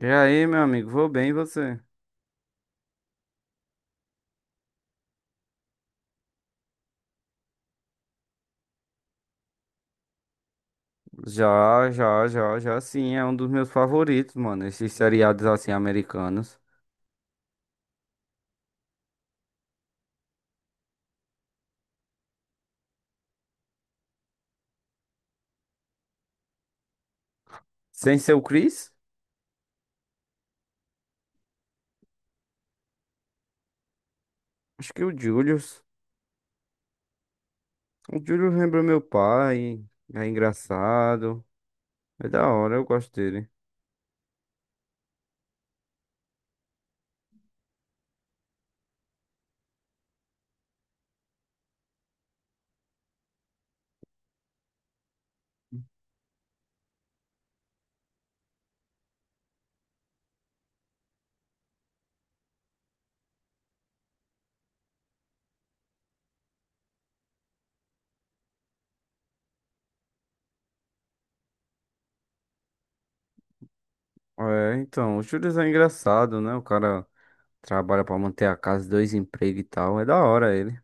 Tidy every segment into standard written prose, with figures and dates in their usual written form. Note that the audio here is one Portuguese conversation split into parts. E aí, meu amigo, vou bem, e você? Já, já, já, já, sim, é um dos meus favoritos, mano, esses seriados assim americanos. Sem ser o Chris? Acho que o Julius. O Julius lembra meu pai, é engraçado, é da hora, eu gosto dele. É, então, o Julius é engraçado, né? O cara trabalha pra manter a casa, dois empregos e tal, é da hora ele.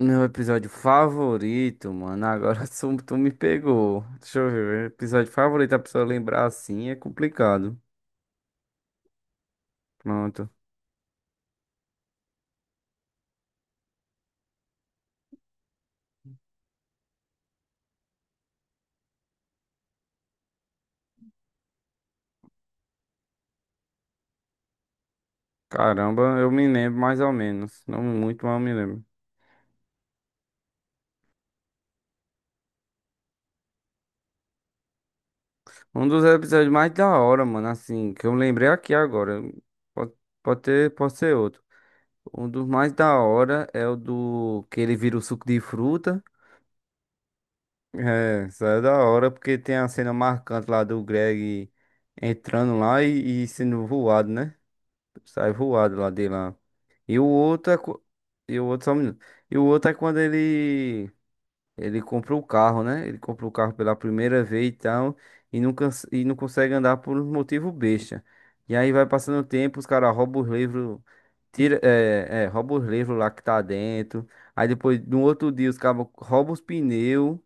Meu episódio favorito, mano. Agora tu me pegou. Deixa eu ver. Episódio favorito, a pessoa lembrar assim é complicado. Pronto. Caramba, eu me lembro mais ou menos. Não muito, mas eu me lembro. Um dos episódios mais da hora, mano. Assim, que eu lembrei aqui agora. Pode, pode ter, pode ser outro. Um dos mais da hora é o do que ele vira o suco de fruta. É, isso é da hora porque tem a cena marcante lá do Greg entrando lá e sendo voado, né? Sai voado lá de lá. E o outro é. co- E o outro, só um minuto. E o outro é quando ele. Ele compra o carro, né? Ele compra o carro pela primeira vez e tal. E não consegue andar por um motivo besta. E aí vai passando o tempo, os caras roubam os livros. Rouba os livros lá que tá dentro. Aí depois, no outro dia, os caras roubam os pneus.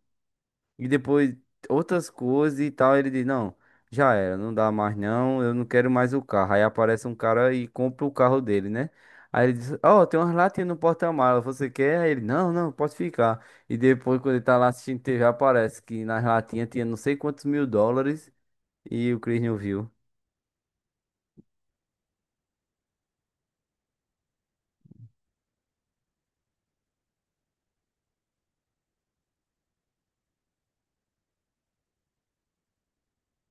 E depois outras coisas e tal. Ele diz: Não, já era, não dá mais não, eu não quero mais o carro. Aí aparece um cara e compra o carro dele, né? Aí ele diz: Ó, tem umas latinhas no porta-mala, você quer? Aí ele: Não, não, pode ficar. E depois, quando ele tá lá assistindo TV, aparece que nas latinhas tinha não sei quantos mil dólares e o Chris não viu.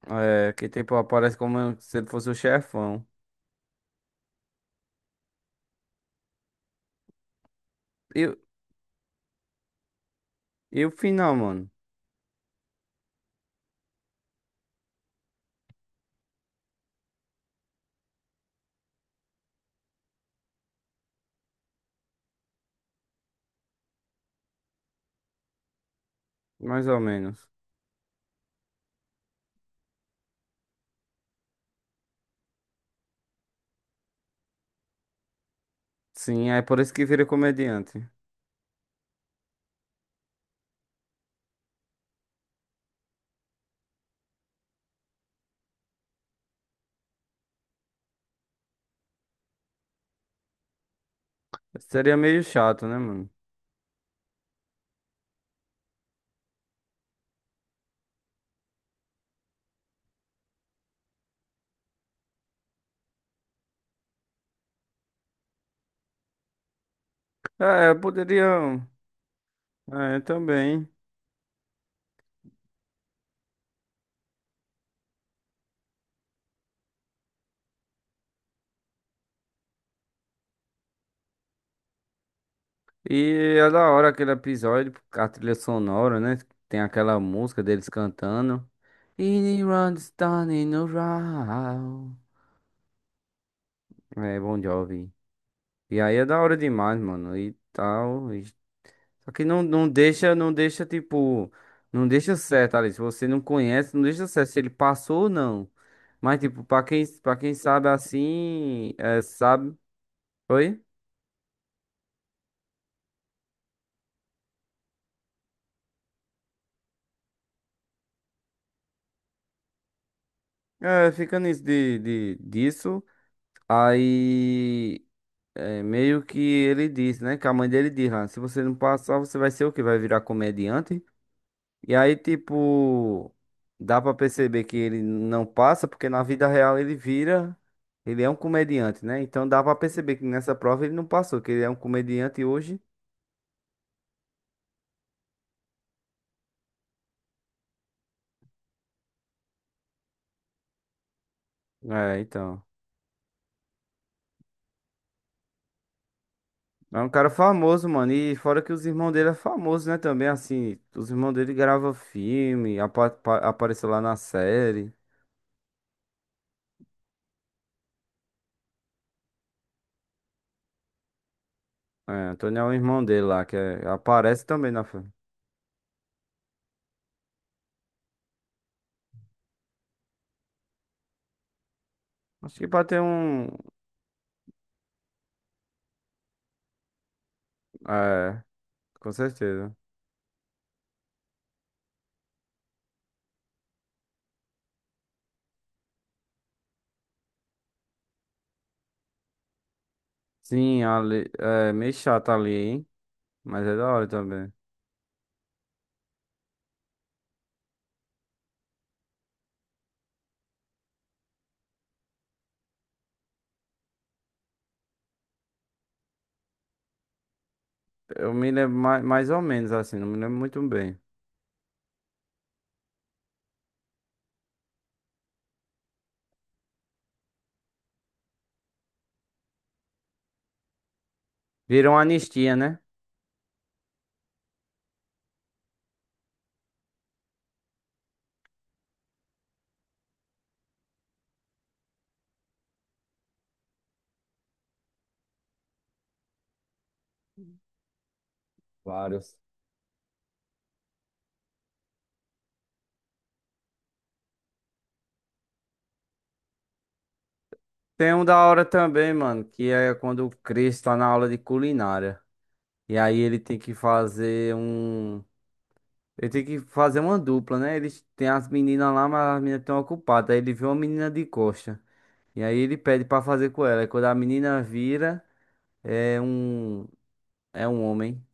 É, que tipo, aparece como se ele fosse o chefão. E, e o final, mano? Mais ou menos. Sim, é por isso que vira comediante. Seria meio chato, né, mano? É, eu poderia. É, também. E é da hora aquele episódio, a trilha sonora, né? Tem aquela música deles cantando. It runs down in a row. É, Bon Jovi. E aí é da hora demais, mano. E tal. E- Só que não, não deixa, tipo. Não deixa certo ali. Se você não conhece, não deixa certo se ele passou ou não. Mas, tipo, pra quem sabe assim, é, sabe. Oi? É, fica nisso disso. Aí, é, meio que ele diz, né? Que a mãe dele diz lá, se você não passar, você vai ser o quê? Vai virar comediante? E aí, tipo, dá pra perceber que ele não passa, porque na vida real ele vira, ele é um comediante, né? Então dá pra perceber que nessa prova ele não passou, que ele é um comediante hoje. É, então. É um cara famoso, mano. E fora que os irmãos dele é famoso, né? Também, assim, os irmãos dele gravam filme, apareceu lá na série. É, Antônio é o irmão dele lá, que é- aparece também na filme. Acho que pra ter um. É, com certeza. Sim, ali, é meio chato ali, hein? Mas é da hora também. Eu me lembro mais ou menos assim, não me lembro muito bem. Virou uma anistia, né? Vários. Tem um da hora também, mano, que é quando o Chris tá na aula de culinária. E aí ele tem que fazer um. Ele tem que fazer uma dupla, né? Eles tem as meninas lá, mas as meninas estão ocupadas. Aí ele vê uma menina de coxa. E aí ele pede pra fazer com ela. E quando a menina vira, é um é um homem,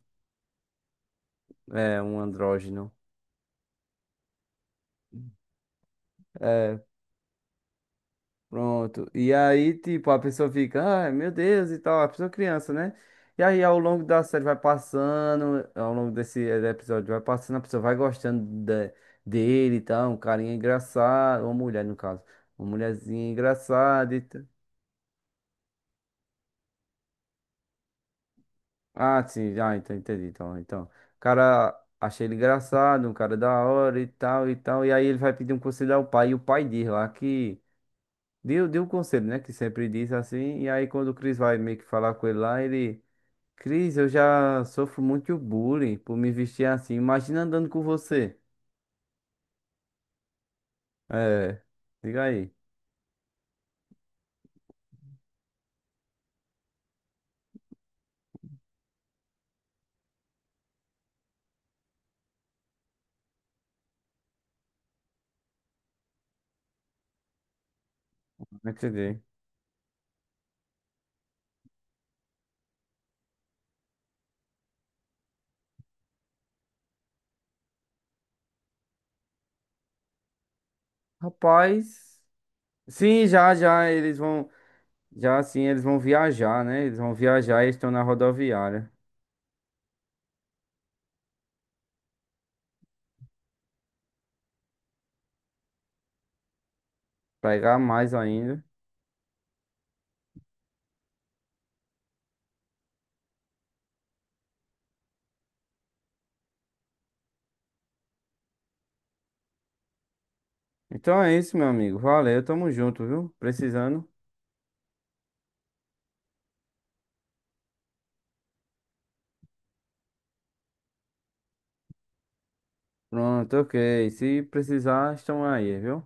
é um andrógeno. É, pronto. E aí, tipo, a pessoa fica, ai, meu Deus, e tal, a pessoa criança, né? E aí, ao longo da série vai passando, ao longo desse episódio vai passando, a pessoa vai gostando de- dele e tal, um carinha engraçado, uma mulher, no caso, uma mulherzinha engraçada e tal. Ah, sim, ah, então entendi. Então, então, o cara achei ele engraçado, um cara da hora e tal e tal. E aí ele vai pedir um conselho ao pai. E o pai diz lá que deu um conselho, né? Que sempre diz assim. E aí quando o Cris vai meio que falar com ele lá, ele, Cris, eu já sofro muito bullying por me vestir assim. Imagina andando com você. É, diga aí. Não entendi. Rapaz, sim, eles vão, já assim, eles vão viajar, né? Eles vão viajar e estão na rodoviária. Pegar mais ainda. Então é isso, meu amigo. Valeu, tamo junto, viu? Precisando. Pronto, ok. Se precisar, estamos aí, viu?